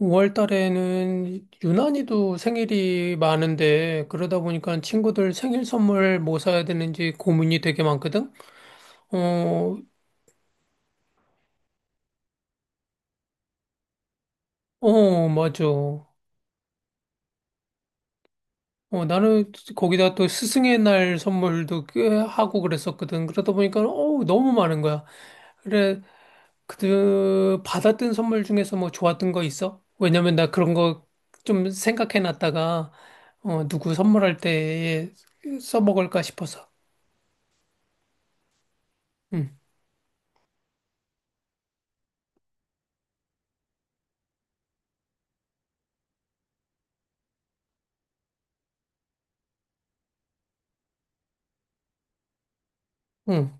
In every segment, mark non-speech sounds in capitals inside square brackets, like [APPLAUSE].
5월 달에는 유난히도 생일이 많은데, 그러다 보니까 친구들 생일 선물 뭐 사야 되는지 고민이 되게 많거든? 어, 어, 맞아. 나는 거기다 또 스승의 날 선물도 꽤 하고 그랬었거든. 그러다 보니까, 너무 많은 거야. 그래, 받았던 선물 중에서 뭐 좋았던 거 있어? 왜냐면 나 그런 거 좀 생각해 놨다가, 누구 선물할 때 써먹을까 싶어서. 응, 응.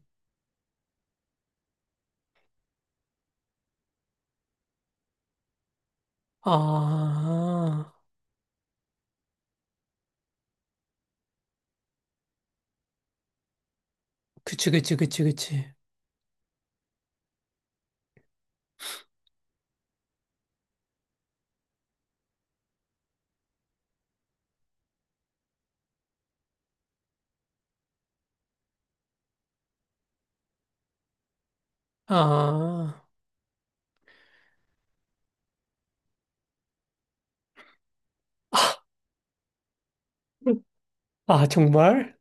아, 그치, 그치, 그치, 그치. 아, 아, 정말?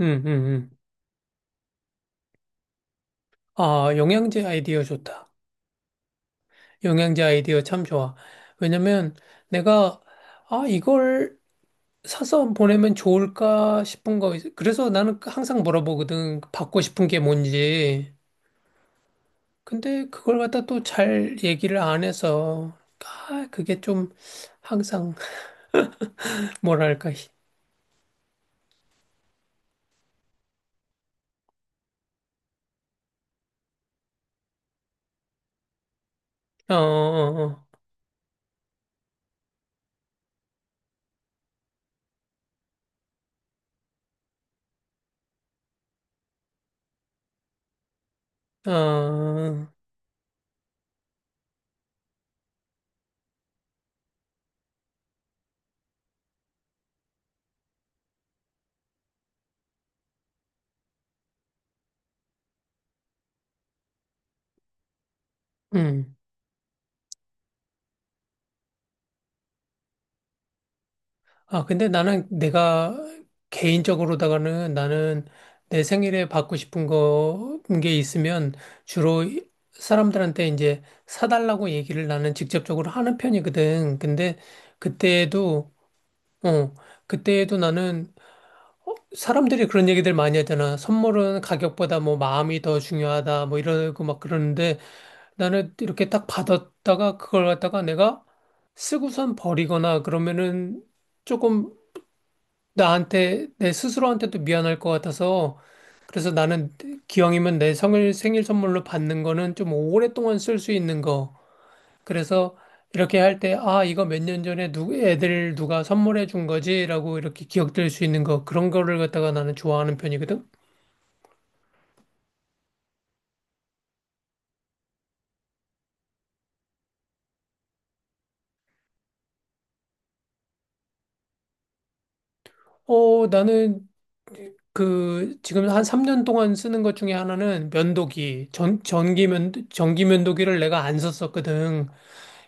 응, 응, 응. 아, 영양제 아이디어 좋다. 영양제 아이디어 참 좋아. 왜냐면 내가, 아, 이걸 사서 보내면 좋을까 싶은 거. 그래서 나는 항상 물어보거든. 받고 싶은 게 뭔지. 근데 그걸 갖다 또 잘 얘기를 안 해서, 아, 그게 좀 항상, [LAUGHS] 뭐랄까, 어, 어, 어, 어, 음. 아, 근데 나는 내가 개인적으로다가는 나는 내 생일에 받고 싶은 거, 게 있으면 주로 사람들한테 이제 사달라고 얘기를 나는 직접적으로 하는 편이거든. 근데 그때에도, 어, 그때에도 나는 사람들이 그런 얘기들 많이 하잖아. 선물은 가격보다 뭐 마음이 더 중요하다 뭐 이러고 막 그러는데 나는 이렇게 딱 받았다가 그걸 갖다가 내가 쓰고선 버리거나 그러면은 조금 나한테, 내 스스로한테도 미안할 것 같아서, 그래서 나는 기왕이면 내 생일, 생일 선물로 받는 거는 좀 오랫동안 쓸 수 있는 거. 그래서 이렇게 할 때, 아, 이거 몇 년 전에 애들 누가 선물해 준 거지라고 이렇게 기억될 수 있는 거. 그런 거를 갖다가 나는 좋아하는 편이거든. 나는 지금 한 3년 동안 쓰는 것 중에 하나는 면도기. 전기 면도기를 내가 안 썼었거든.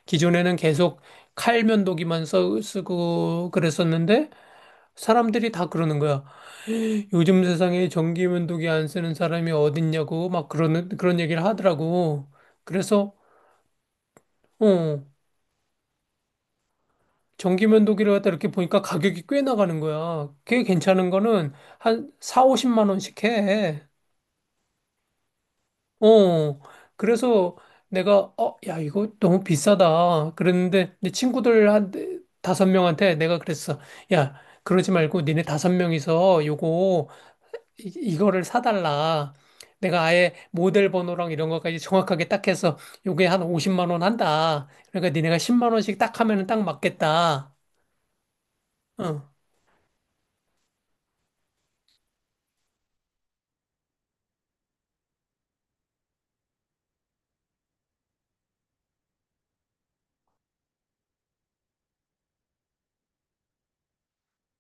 기존에는 계속 칼 면도기만 쓰고 그랬었는데 사람들이 다 그러는 거야. 요즘 세상에 전기 면도기 안 쓰는 사람이 어딨냐고 막 그러는 그런 얘기를 하더라고. 그래서 어 전기 면도기를 갖다 이렇게 보니까 가격이 꽤 나가는 거야. 꽤 괜찮은 거는 한 40~50만 원씩 해. 어, 그래서 내가, 야, 이거 너무 비싸다. 그랬는데, 내 친구들 5명한테 내가 그랬어. 야, 그러지 말고 니네 5명이서 요거, 이거를 사달라. 내가 아예 모델 번호랑 이런 것까지 정확하게 딱 해서 요게 한 50만 원 한다. 그러니까 니네가 10만 원씩 딱 하면은 딱 맞겠다. 어,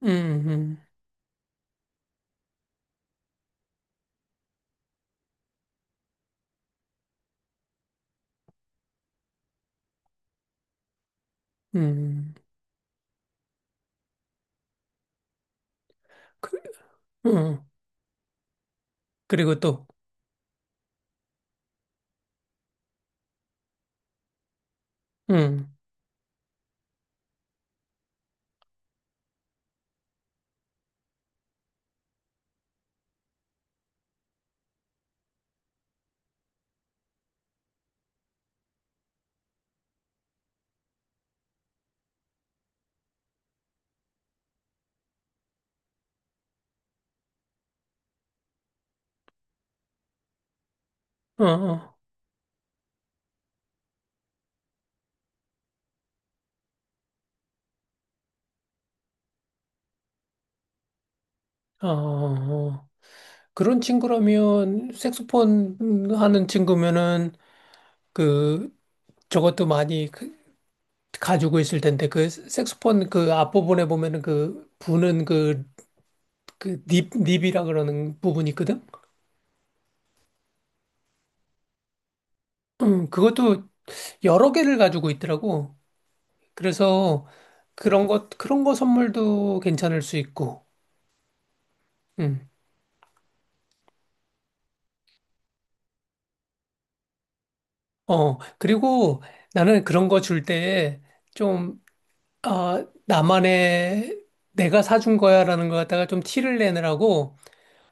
음, 음, 음. 그, 어, 그리고 또, 음, 어, 어, 어. 어, 어. 그런 친구라면 색소폰 하는 친구면은 그 저것도 많이 그- 가지고 있을 텐데 그 색소폰 그 앞부분에 보면은 그 부는 그 닙 닙이라 그러는 부분이 있거든. 그것도 여러 개를 가지고 있더라고. 그래서 그런 것 그런 거 선물도 괜찮을 수 있고. 음. 그리고 나는 그런 거 줄 때좀 아, 나만의 내가 사준 거야라는 거 갖다가 좀 티를 내느라고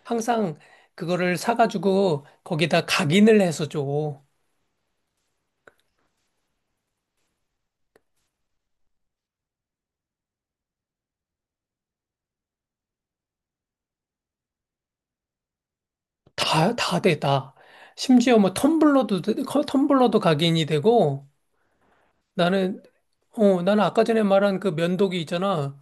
항상 그거를 사가지고 거기다 각인을 해서 줘. 다, 다 돼, 다. 심지어 뭐 텀블러도, 텀블러도 각인이 되고 나는, 나는 아까 전에 말한 그 면도기 있잖아.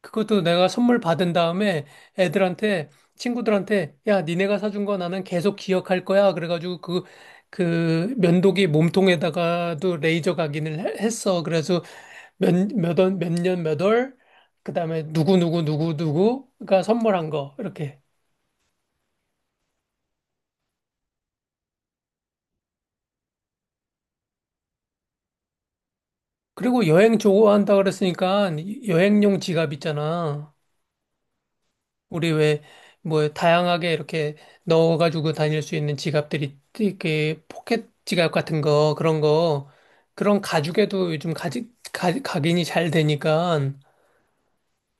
그것도 내가 선물 받은 다음에 애들한테, 친구들한테, 야, 니네가 사준 거 나는 계속 기억할 거야. 그래가지고 그, 그 면도기 몸통에다가도 레이저 각인을 했어. 그래서 몇, 몇 원, 몇 년, 몇 월, 그 다음에 누구누구가 선물한 거. 이렇게. 그리고 여행 좋아한다 그랬으니까 여행용 지갑 있잖아. 우리 왜, 뭐, 다양하게 이렇게 넣어가지고 다닐 수 있는 지갑들이, 이렇게 포켓 지갑 같은 거, 그런 거, 그런 가죽에도 요즘 각인이 잘 되니까,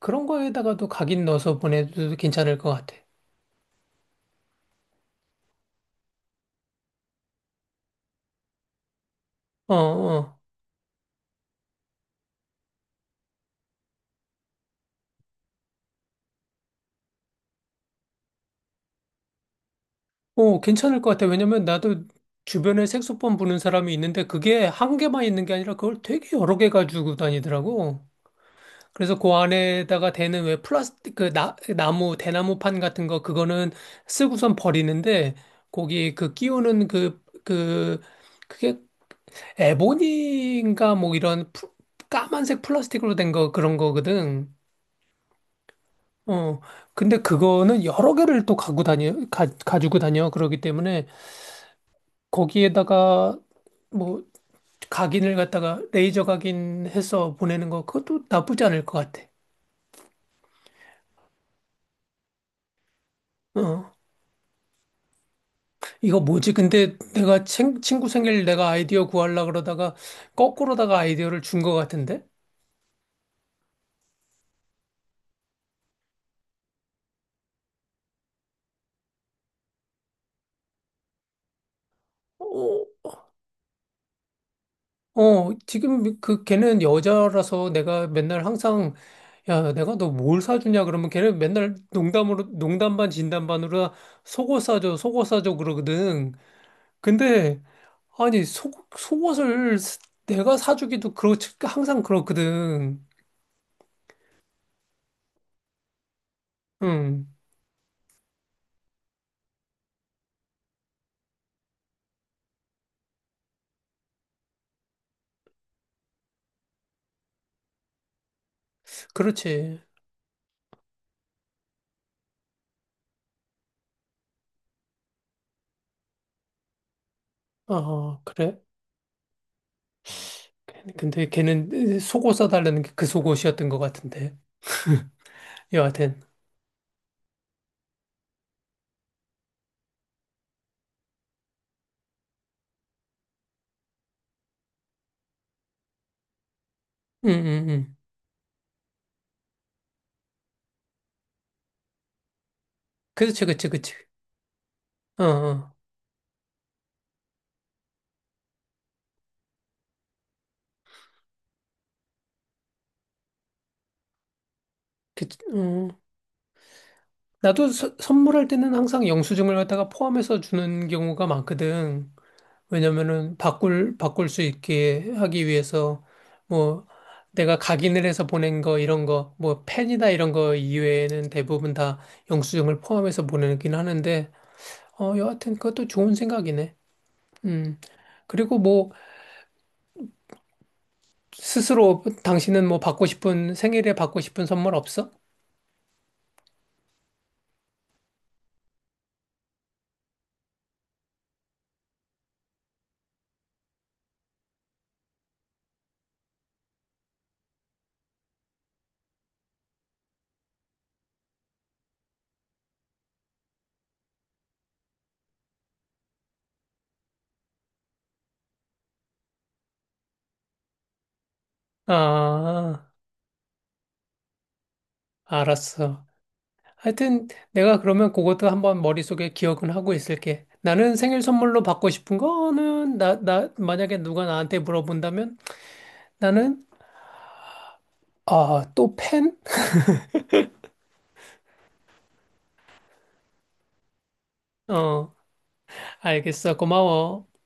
그런 거에다가도 각인 넣어서 보내도 괜찮을 것 같아. 어, 어. 어, 괜찮을 것 같아. 왜냐면 나도 주변에 색소폰 부는 사람이 있는데, 그게 한 개만 있는 게 아니라 그걸 되게 여러 개 가지고 다니더라고. 그래서 그 안에다가 대는 왜 플라스틱 그 나무 대나무판 같은 거 그거는 쓰고선 버리는데 거기 그 끼우는 그게 에보니인가 뭐 이런 까만색 플라스틱으로 된 거 그런 거거든. 어. 근데 그거는 여러 개를 또 갖고 다녀 가지고 다녀 그러기 때문에 거기에다가 뭐 각인을 갖다가 레이저 각인해서 보내는 거 그것도 나쁘지 않을 것 같아. 어. 이거 뭐지? 근데 내가 친구 생일 내가 아이디어 구하려 그러다가 거꾸로다가 아이디어를 준 것 같은데? 어, 어, 지금 걔는 여자라서 내가 맨날 항상 야, 내가 너 뭘 사주냐 그러면 걔는 맨날 농담으로 농담 반 진담 반으로 속옷 사줘, 속옷 사줘 그러거든. 근데 아니, 속 속옷을 스- 내가 사주기도 그렇지 항상 그렇거든. 음. 그렇지. 아, 그래? 근데 걔는 속옷 사달라는 게 그 속옷이었던 것 같은데. 여하튼. 응, 응, 응. 그치, 그치, 그치. 어, 어. 그 어. 나도 선물할 때는 항상 영수증을 갖다가 포함해서 주는 경우가 많거든. 왜냐면은 바꿀 수 있게 하기 위해서 뭐 내가 각인을 해서 보낸 거 이런 거, 뭐 펜이나 이런 거 이외에는 대부분 다 영수증을 포함해서 보내긴 하는데, 여하튼 그것도 좋은 생각이네. 음. 그리고 뭐 스스로 당신은 뭐 받고 싶은 생일에 받고 싶은 선물 없어? 아, 알았어. 하여튼 내가 그러면 그것도 한번 머릿속에 기억은 하고 있을게. 나는 생일 선물로 받고 싶은 거는 나 만약에 누가 나한테 물어본다면 나는 아, 또 펜? 어, 알겠어. 고마워.